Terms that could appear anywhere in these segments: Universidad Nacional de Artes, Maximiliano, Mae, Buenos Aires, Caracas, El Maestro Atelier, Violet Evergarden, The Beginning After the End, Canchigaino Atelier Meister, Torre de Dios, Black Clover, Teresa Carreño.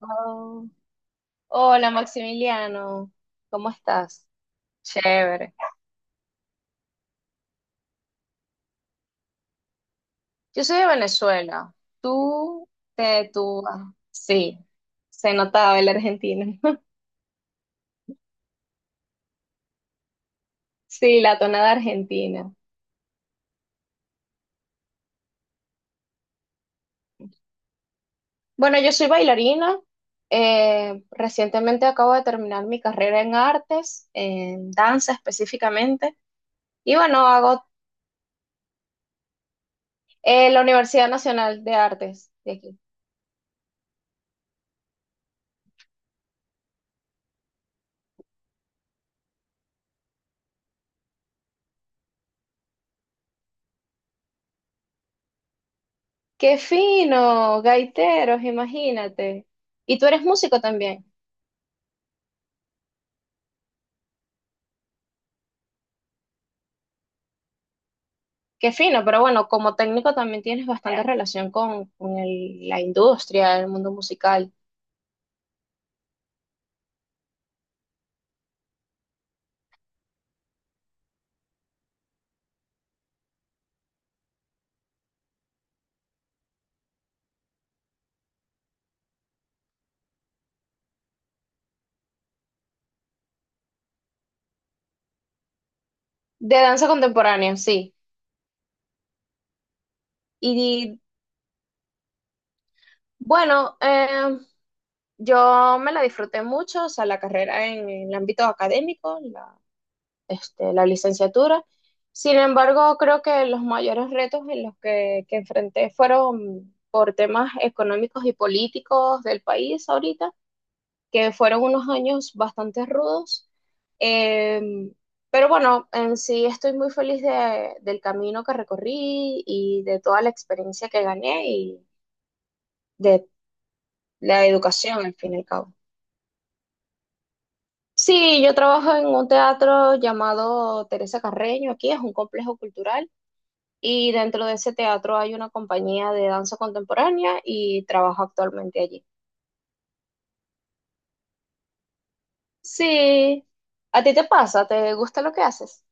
Oh, hola Maximiliano, ¿cómo estás? Chévere. Yo soy de Venezuela. Tú tú. Ah, sí, se notaba el argentino. Sí, la tonada argentina. Bueno, yo soy bailarina. Recientemente acabo de terminar mi carrera en artes, en danza específicamente. Y bueno, hago la Universidad Nacional de Artes de aquí. ¡Qué fino! Gaiteros, imagínate. Y tú eres músico también. Qué fino, pero bueno, como técnico también tienes bastante relación con, con la industria, el mundo musical. De danza contemporánea, sí. Y bueno, yo me la disfruté mucho, o sea, la carrera en el ámbito académico, la, este, la licenciatura. Sin embargo, creo que los mayores retos que enfrenté fueron por temas económicos y políticos del país ahorita que fueron unos años bastante rudos. eh, pero bueno, en sí estoy muy feliz del camino que recorrí y de toda la experiencia que gané y de la educación, al fin y al cabo. Sí, yo trabajo en un teatro llamado Teresa Carreño, aquí es un complejo cultural y dentro de ese teatro hay una compañía de danza contemporánea y trabajo actualmente allí. Sí, ¿a ti te pasa? ¿Te gusta lo que haces?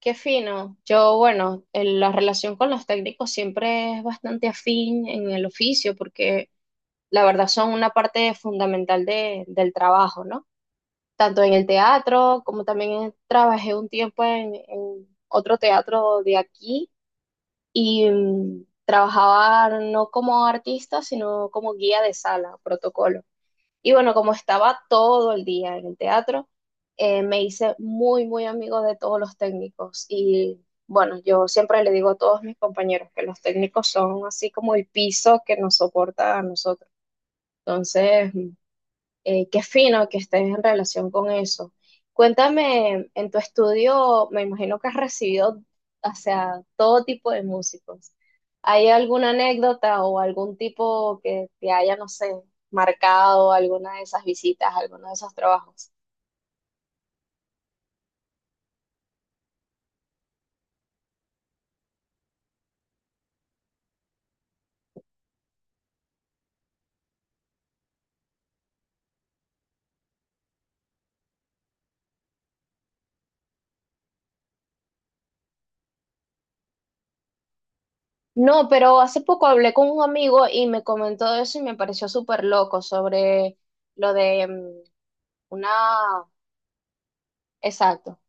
Qué fino. Yo, bueno, la relación con los técnicos siempre es bastante afín en el oficio porque la verdad son una parte fundamental del trabajo, ¿no? Tanto en el teatro como también trabajé un tiempo en otro teatro de aquí y mm, trabajaba no como artista, sino como guía de sala, protocolo. Y bueno, como estaba todo el día en el teatro, me hice muy, muy amigo de todos los técnicos. Y bueno, yo siempre le digo a todos mis compañeros que los técnicos son así como el piso que nos soporta a nosotros. Entonces, qué fino que estés en relación con eso. Cuéntame, en tu estudio, me imagino que has recibido, o sea, todo tipo de músicos. ¿Hay alguna anécdota o algún tipo que te haya, no sé, marcado alguna de esas visitas, alguno de esos trabajos? No, pero hace poco hablé con un amigo y me comentó eso y me pareció súper loco sobre lo de una, exacto,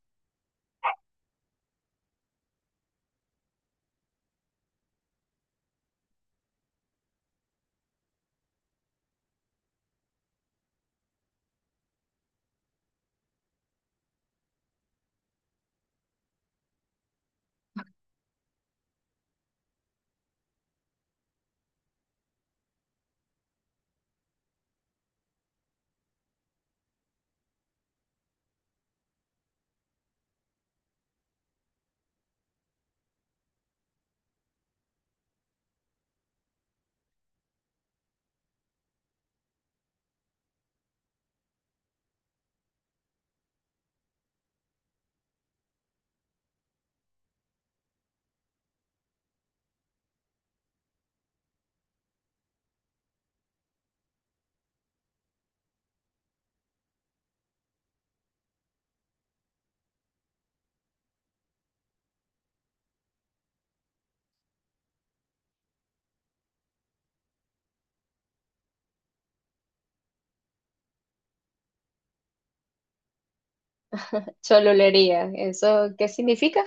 cholulería. ¿Eso qué significa?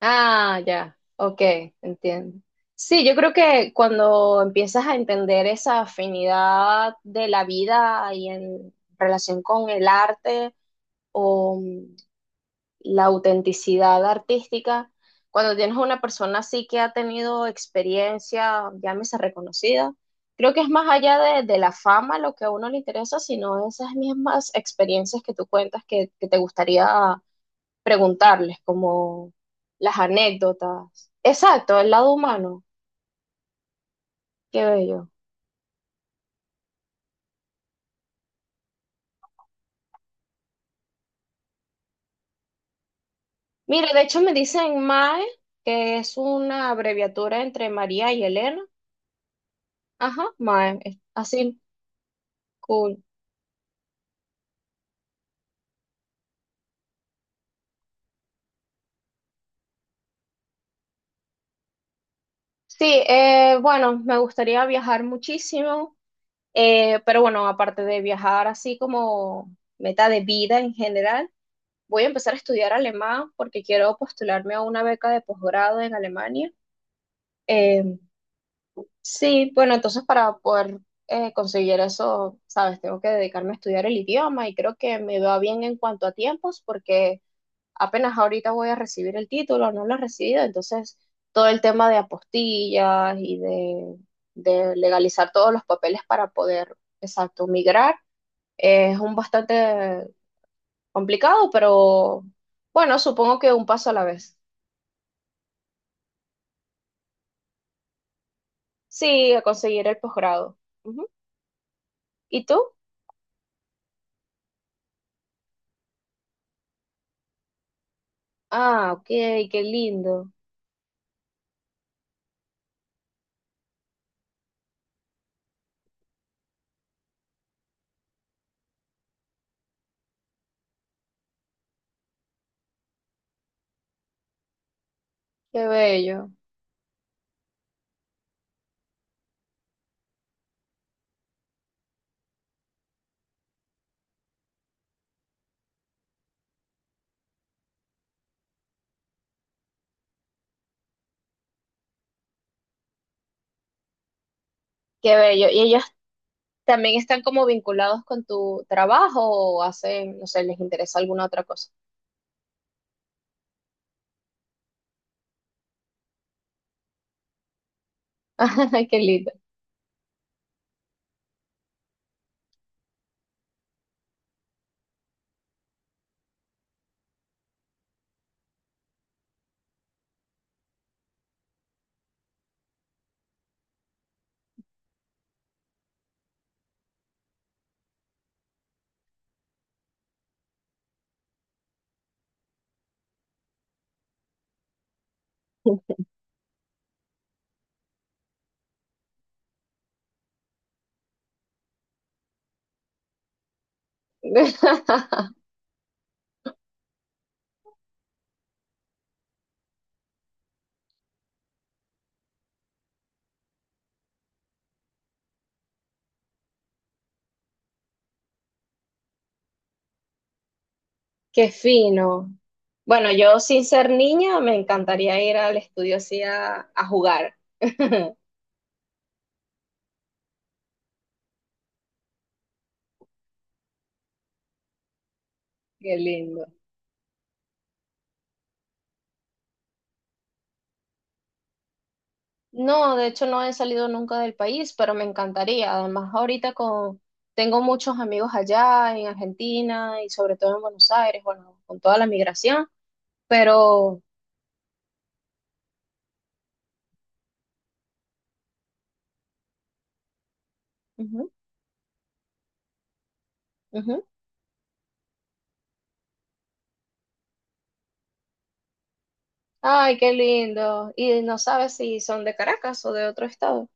Ah, ya, ok, entiendo. Sí, yo creo que cuando empiezas a entender esa afinidad de la vida y en relación con el arte o mm, la autenticidad artística, cuando tienes una persona así que ha tenido experiencia, llámese reconocida, creo que es más allá de la fama lo que a uno le interesa, sino esas mismas experiencias que tú cuentas que te gustaría preguntarles como las anécdotas. Exacto, el lado humano, qué bello. Mire, de hecho me dicen Mae, que es una abreviatura entre María y Elena. Ajá, Mae, es así, cool. Sí, bueno, me gustaría viajar muchísimo, pero bueno, aparte de viajar así como meta de vida en general, voy a empezar a estudiar alemán porque quiero postularme a una beca de posgrado en Alemania. Eh, Sí, bueno, entonces para poder conseguir eso, sabes, tengo que dedicarme a estudiar el idioma y creo que me va bien en cuanto a tiempos porque apenas ahorita voy a recibir el título, no lo he recibido, entonces todo el tema de apostillas y de legalizar todos los papeles para poder, exacto, migrar es un bastante complicado, pero bueno, supongo que un paso a la vez. Sí, a conseguir el posgrado. Ujú. ¿Y tú? Ah, ok, qué lindo. Qué bello, qué bello. ¿Y ellos también están como vinculados con tu trabajo o hacen, no sé, les interesa alguna otra cosa? Qué lindo. Qué fino. Bueno, yo sin ser niña me encantaría ir al estudio así a jugar. Qué lindo. No, de hecho no he salido nunca del país, pero me encantaría. Además, ahorita con tengo muchos amigos allá en Argentina y sobre todo en Buenos Aires, bueno, con toda la migración, pero ujú, ujú. Ay, qué lindo. Y no sabes si son de Caracas o de otro estado.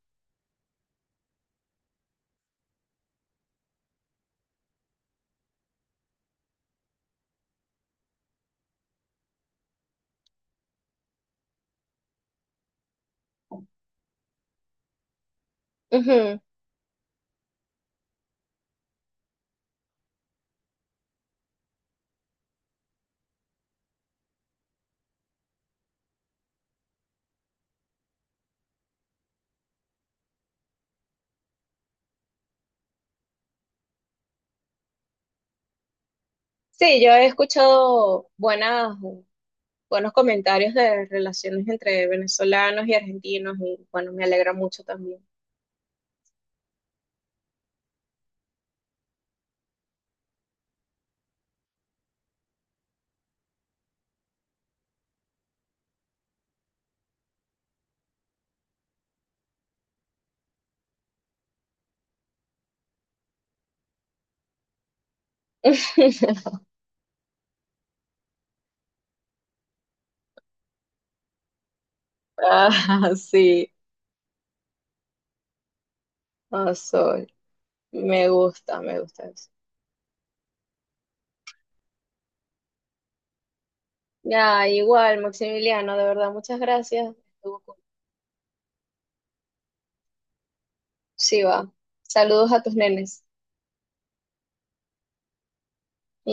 Ujú. Sí, yo he escuchado buenas, buenos comentarios de relaciones entre venezolanos y argentinos y bueno, me alegra mucho también. Ah, sí, ah, soy. Me gusta eso. Ya, igual, Maximiliano, de verdad, muchas gracias. Estuvo cool. Sí, va. Saludos a tus nenes.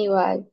Igual.